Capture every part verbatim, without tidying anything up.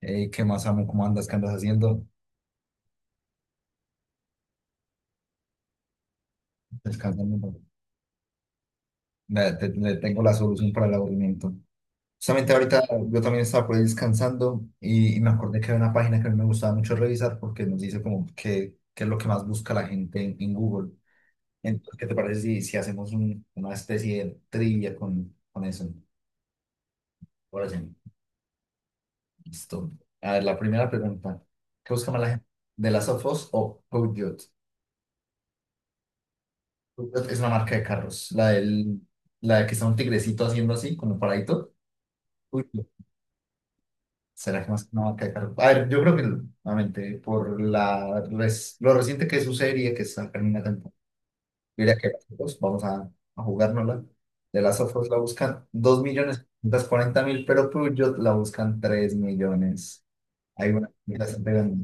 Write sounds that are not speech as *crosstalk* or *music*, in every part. Ey, ¿qué más amo? ¿Cómo andas? ¿Qué andas haciendo? Descansando un poco. Le, te- le tengo la solución para el aburrimiento. Justamente ahorita yo también estaba por ahí descansando y, y me acordé que había una página que a mí me gustaba mucho revisar porque nos dice como qué qué es lo que más busca la gente en, en Google. Entonces, ¿qué te parece si, si hacemos un- una especie de trivia con, con eso? Ahora sí, listo. A ver, la primera pregunta. ¿Qué busca más la gente? ¿De Las of Us o Code Geass? Fiat es una marca de carros. La del, la de que está un tigrecito haciendo así, como paradito. Uy, no. ¿Será que más que una marca de carros? A ver, yo creo que, nuevamente, por la res- lo reciente que es su serie, que está en una temporada, yo diría que pues, vamos a, a jugárnosla. De Las of Us la buscan dos millones cuarenta mil, pero Peugeot la buscan tres millones. Hay una que la están pegando.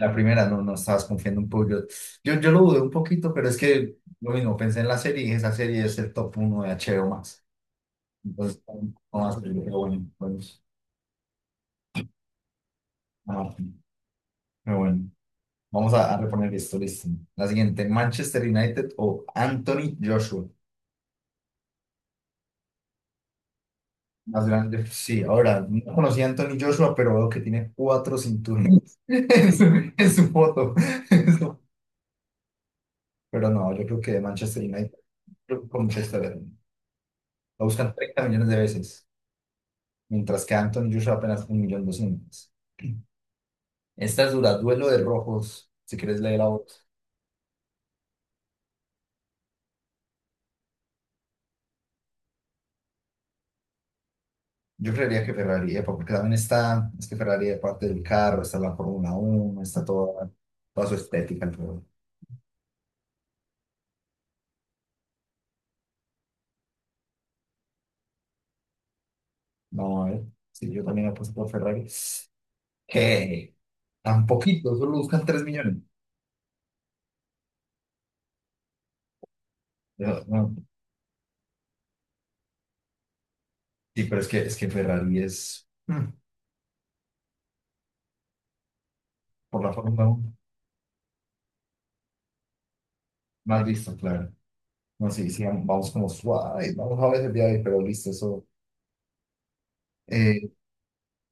La primera no, no estabas confiando un poco. Yo, yo, yo lo dudé un poquito, pero es que lo mismo, pensé en la serie y dije, esa serie es el top uno de H B O Max. Entonces, no más, pero bueno, bueno, ah, pero bueno. Vamos a, a reponer esto, listo. La siguiente, Manchester United o Anthony Joshua. Más grande, sí, ahora, no conocí a Anthony Joshua, pero veo que tiene cuatro cinturones *laughs* en su, en su foto. *laughs* Pero no, yo creo que Manchester United, creo que con Manchester, lo buscan 30 millones de veces, mientras que Anthony Joshua apenas un millón doscientos. Esta es dura, duelo de rojos, si quieres leer la otra. Yo creería que Ferrari, E P A, porque también está, es que Ferrari es parte del carro, está la Fórmula uno, está toda, toda su estética alrededor. No, a ver, sí, yo también apuesto por Ferrari. Que tan poquito, solo buscan tres millones. Yo, no, sí, pero es que, es que Ferrari es, mm, por la Fórmula uno, más listo, claro. No, sí, sí, vamos como suave, vamos a veces de ahí, pero listo, eso. eh,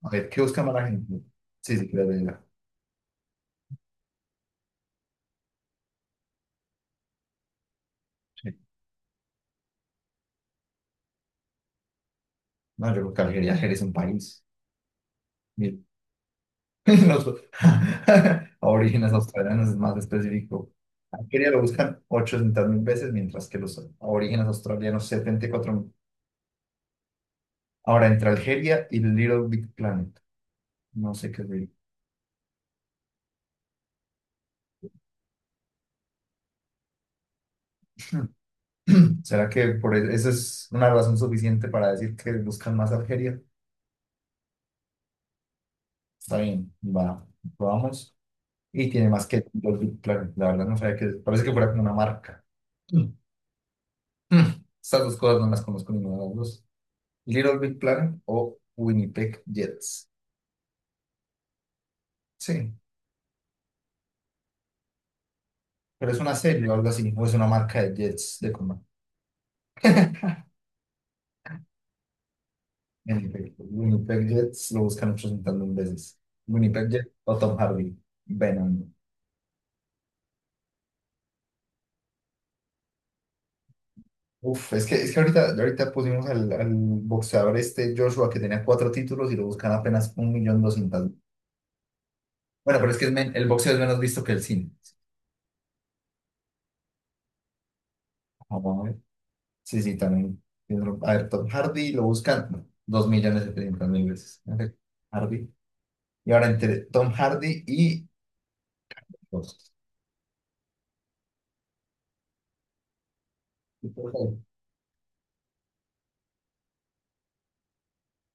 A ver, ¿qué busca más la gente? Sí, sí, creo que ya. Sí. No, yo creo que Algeria, Algeria es un país. Mira, *laughs* los *laughs* aborígenes australianos es más específico. Algeria lo buscan 800 mil veces, mientras que los aborígenes australianos 74 mil. Ahora, entre Algeria y Little Big Planet, no sé qué es. ¿Será que por e- eso es una razón suficiente para decir que buscan más Algeria? Está bien, va, probamos. Y tiene más que Little Big Planet. La verdad no sabía que, parece que fuera como una marca. Hmm, estas dos cosas no las conozco, ninguna de las dos. Little Big Planet o Winnipeg Jets. Sí, pero es una serie o algo así, o es una marca de jets de coma. Winnipeg, Winnipeg Jets lo buscan 800 mil veces. Winnipeg Jets o Tom Hardy. Venom. Uf, es que, es que ahorita, ahorita pusimos al, al boxeador este Joshua que tenía cuatro títulos y lo buscan apenas un millón doscientas mil. Bueno, pero es que es men- el boxeo es menos visto que el cine. Ah, Sí, sí, también. Piénsalo. A ver, Tom Hardy lo buscan no, dos millones setecientos mil veces. Ok, Hardy. Y ahora entre Tom Hardy y los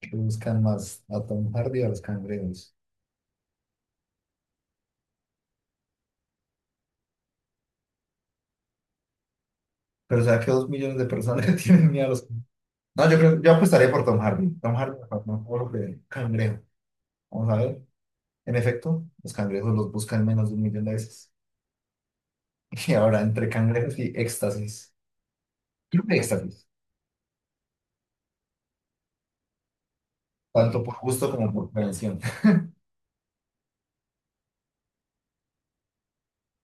que buscan más a Tom Hardy o a los cangrejos. Pero o sea que dos millones de personas *laughs* tienen miedo a los. No, yo creo, yo apostaría por Tom Hardy. Tom Hardy no, por el cangrejo. Vamos a ver. En efecto, los cangrejos los buscan menos de un millón de veces. *laughs* Y ahora entre cangrejos y éxtasis. Creo que éxtasis. Tanto por gusto como por prevención.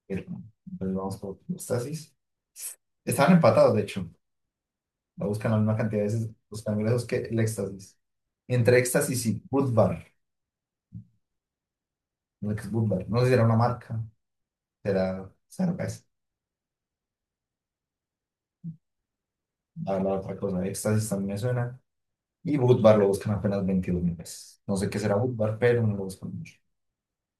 Entonces vamos por los. Estaban empatados, de hecho. La buscan la misma cantidad de veces los cangrejos que el éxtasis. Entre éxtasis y Budvar. No es Budvar. No sé si era una marca. Será cerveza. A ver, la otra cosa. Éxtasis también me suena. Y Budvar lo buscan apenas veintidós mil veces. No sé qué será Budvar, pero no lo buscan mucho.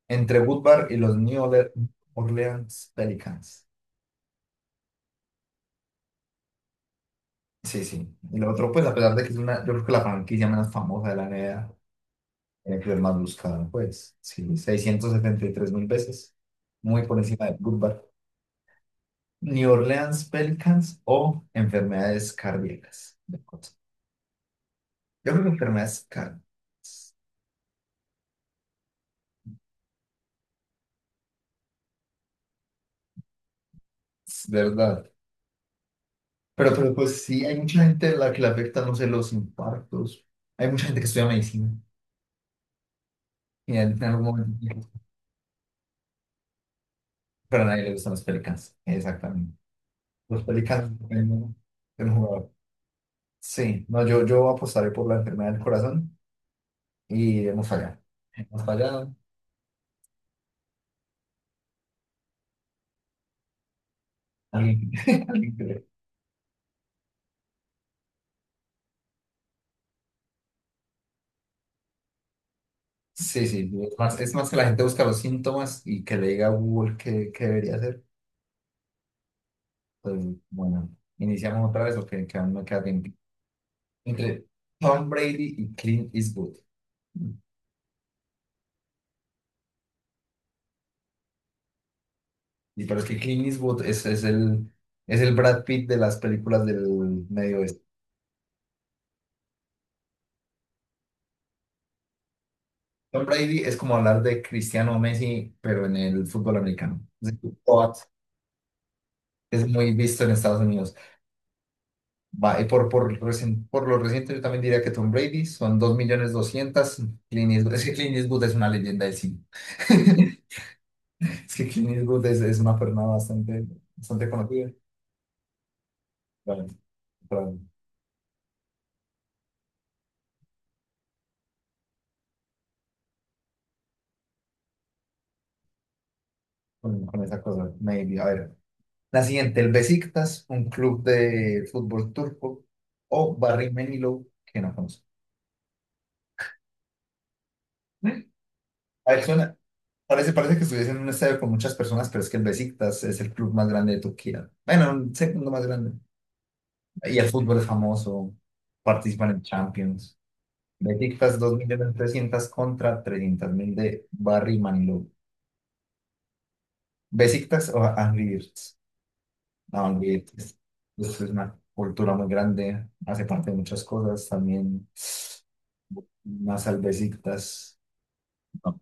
Entre Budvar y los New Orle- Orleans Pelicans. Sí, sí. Y lo otro, pues, a pesar de que es una, yo creo que la franquicia menos famosa de la N B A, era que el más buscado, pues, sí, seiscientos setenta y tres mil veces, muy por encima de Goodbar. New Orleans Pelicans o enfermedades cardíacas, de acuerdo. Yo creo que enfermedades cardíacas. Es, ¿verdad? Pero, pero pues sí, hay mucha gente a la que le afecta, no sé, los infartos. Hay mucha gente que estudia medicina y en algún momento, pero a nadie le gustan los Pelicans, exactamente. Los Pelicans, el, el jugador. Sí, no, yo, yo apostaré por la enfermedad del corazón. Y hemos fallado. Hemos fallado. Alguien, *laughs* alguien que le. Sí, sí, sí, es más, es más que la gente busca los síntomas y que le diga a Google qué, qué debería hacer. Pues bueno, iniciamos otra vez o que, que aún no queda tiempo. Entre Tom Brady y Clint Eastwood. Y pero es que Clint Eastwood es, es el, es el Brad Pitt de las películas del medio oeste. Tom Brady es como hablar de Cristiano Messi, pero en el fútbol americano. Es decir, T O A T, es muy visto en Estados Unidos. Va, y por, por, recien- por lo reciente, yo también diría que Tom Brady son dos millones doscientos mil. Clint Eastwood, es que Clint Eastwood es una leyenda del cine. *laughs* Es que Clint Eastwood es, es una persona bastante, bastante conocida. Vale, pero con, con esa cosa, maybe. A ver, la siguiente, el Besiktas, un club de fútbol turco, o Barry Manilow, que no conozco. A ver, suena, parece, parece que estuviese en un estadio con muchas personas, pero es que el Besiktas es el club más grande de Turquía. Bueno, un segundo más grande. Y el fútbol es famoso, participan en Champions. Besiktas dos millones trescientos mil contra trescientos mil de Barry Manilow. Besiktas o Angry Birds. No, Angry Birds es, es una cultura muy grande, hace parte de muchas cosas, también más al Besiktas, no,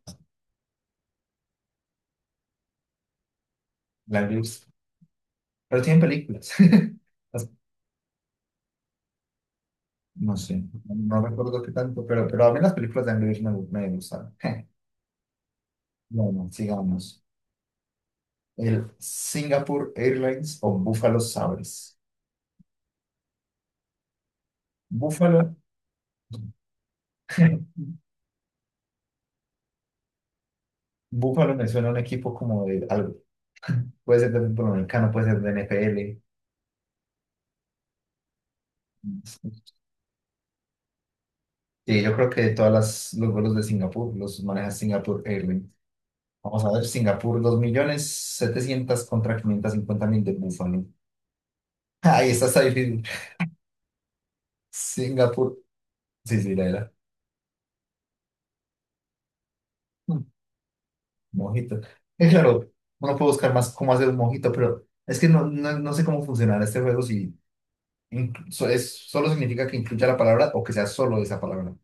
el Angry Birds. Pero tienen películas. *laughs* Las. No sé, no recuerdo qué tanto, pero, pero a mí las películas de Angry Birds me, me gustaron. *laughs* Bueno, sigamos. El Singapore Airlines o Buffalo Sabres. Buffalo, *laughs* Buffalo me suena a un equipo como de algo. Puede ser de fútbol americano, puede ser de N F L. Sí, yo creo que de todas las, los vuelos de Singapur los maneja Singapore Airlines. Vamos a ver, Singapur, dos millones setecientos contra quinientos cincuenta mil de Buffalo. *laughs* Ahí está, está difícil. Singapur, sí, sí, la era. Mm, Mojito. Es claro, uno puede buscar más cómo hacer un mojito, pero es que no, no, no sé cómo funcionará este juego si incluso es, solo significa que incluya la palabra o que sea solo esa palabra.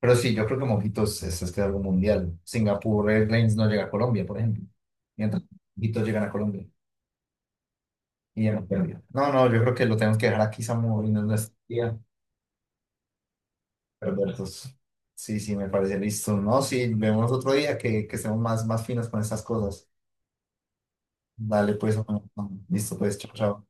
Pero sí, yo creo que mojitos es, es que algo mundial. Singapur Airlines no llega a Colombia, por ejemplo. Mientras mojitos llegan a Colombia y ya no Colombia. No, no, yo creo que lo tenemos que dejar aquí, Samu, y no es nuestro día. Perversos. Sí, sí, me parece listo. No, sí, vemos otro día que, que estemos más, más finos con estas cosas. Dale, pues, bueno, listo, pues, chao, chao.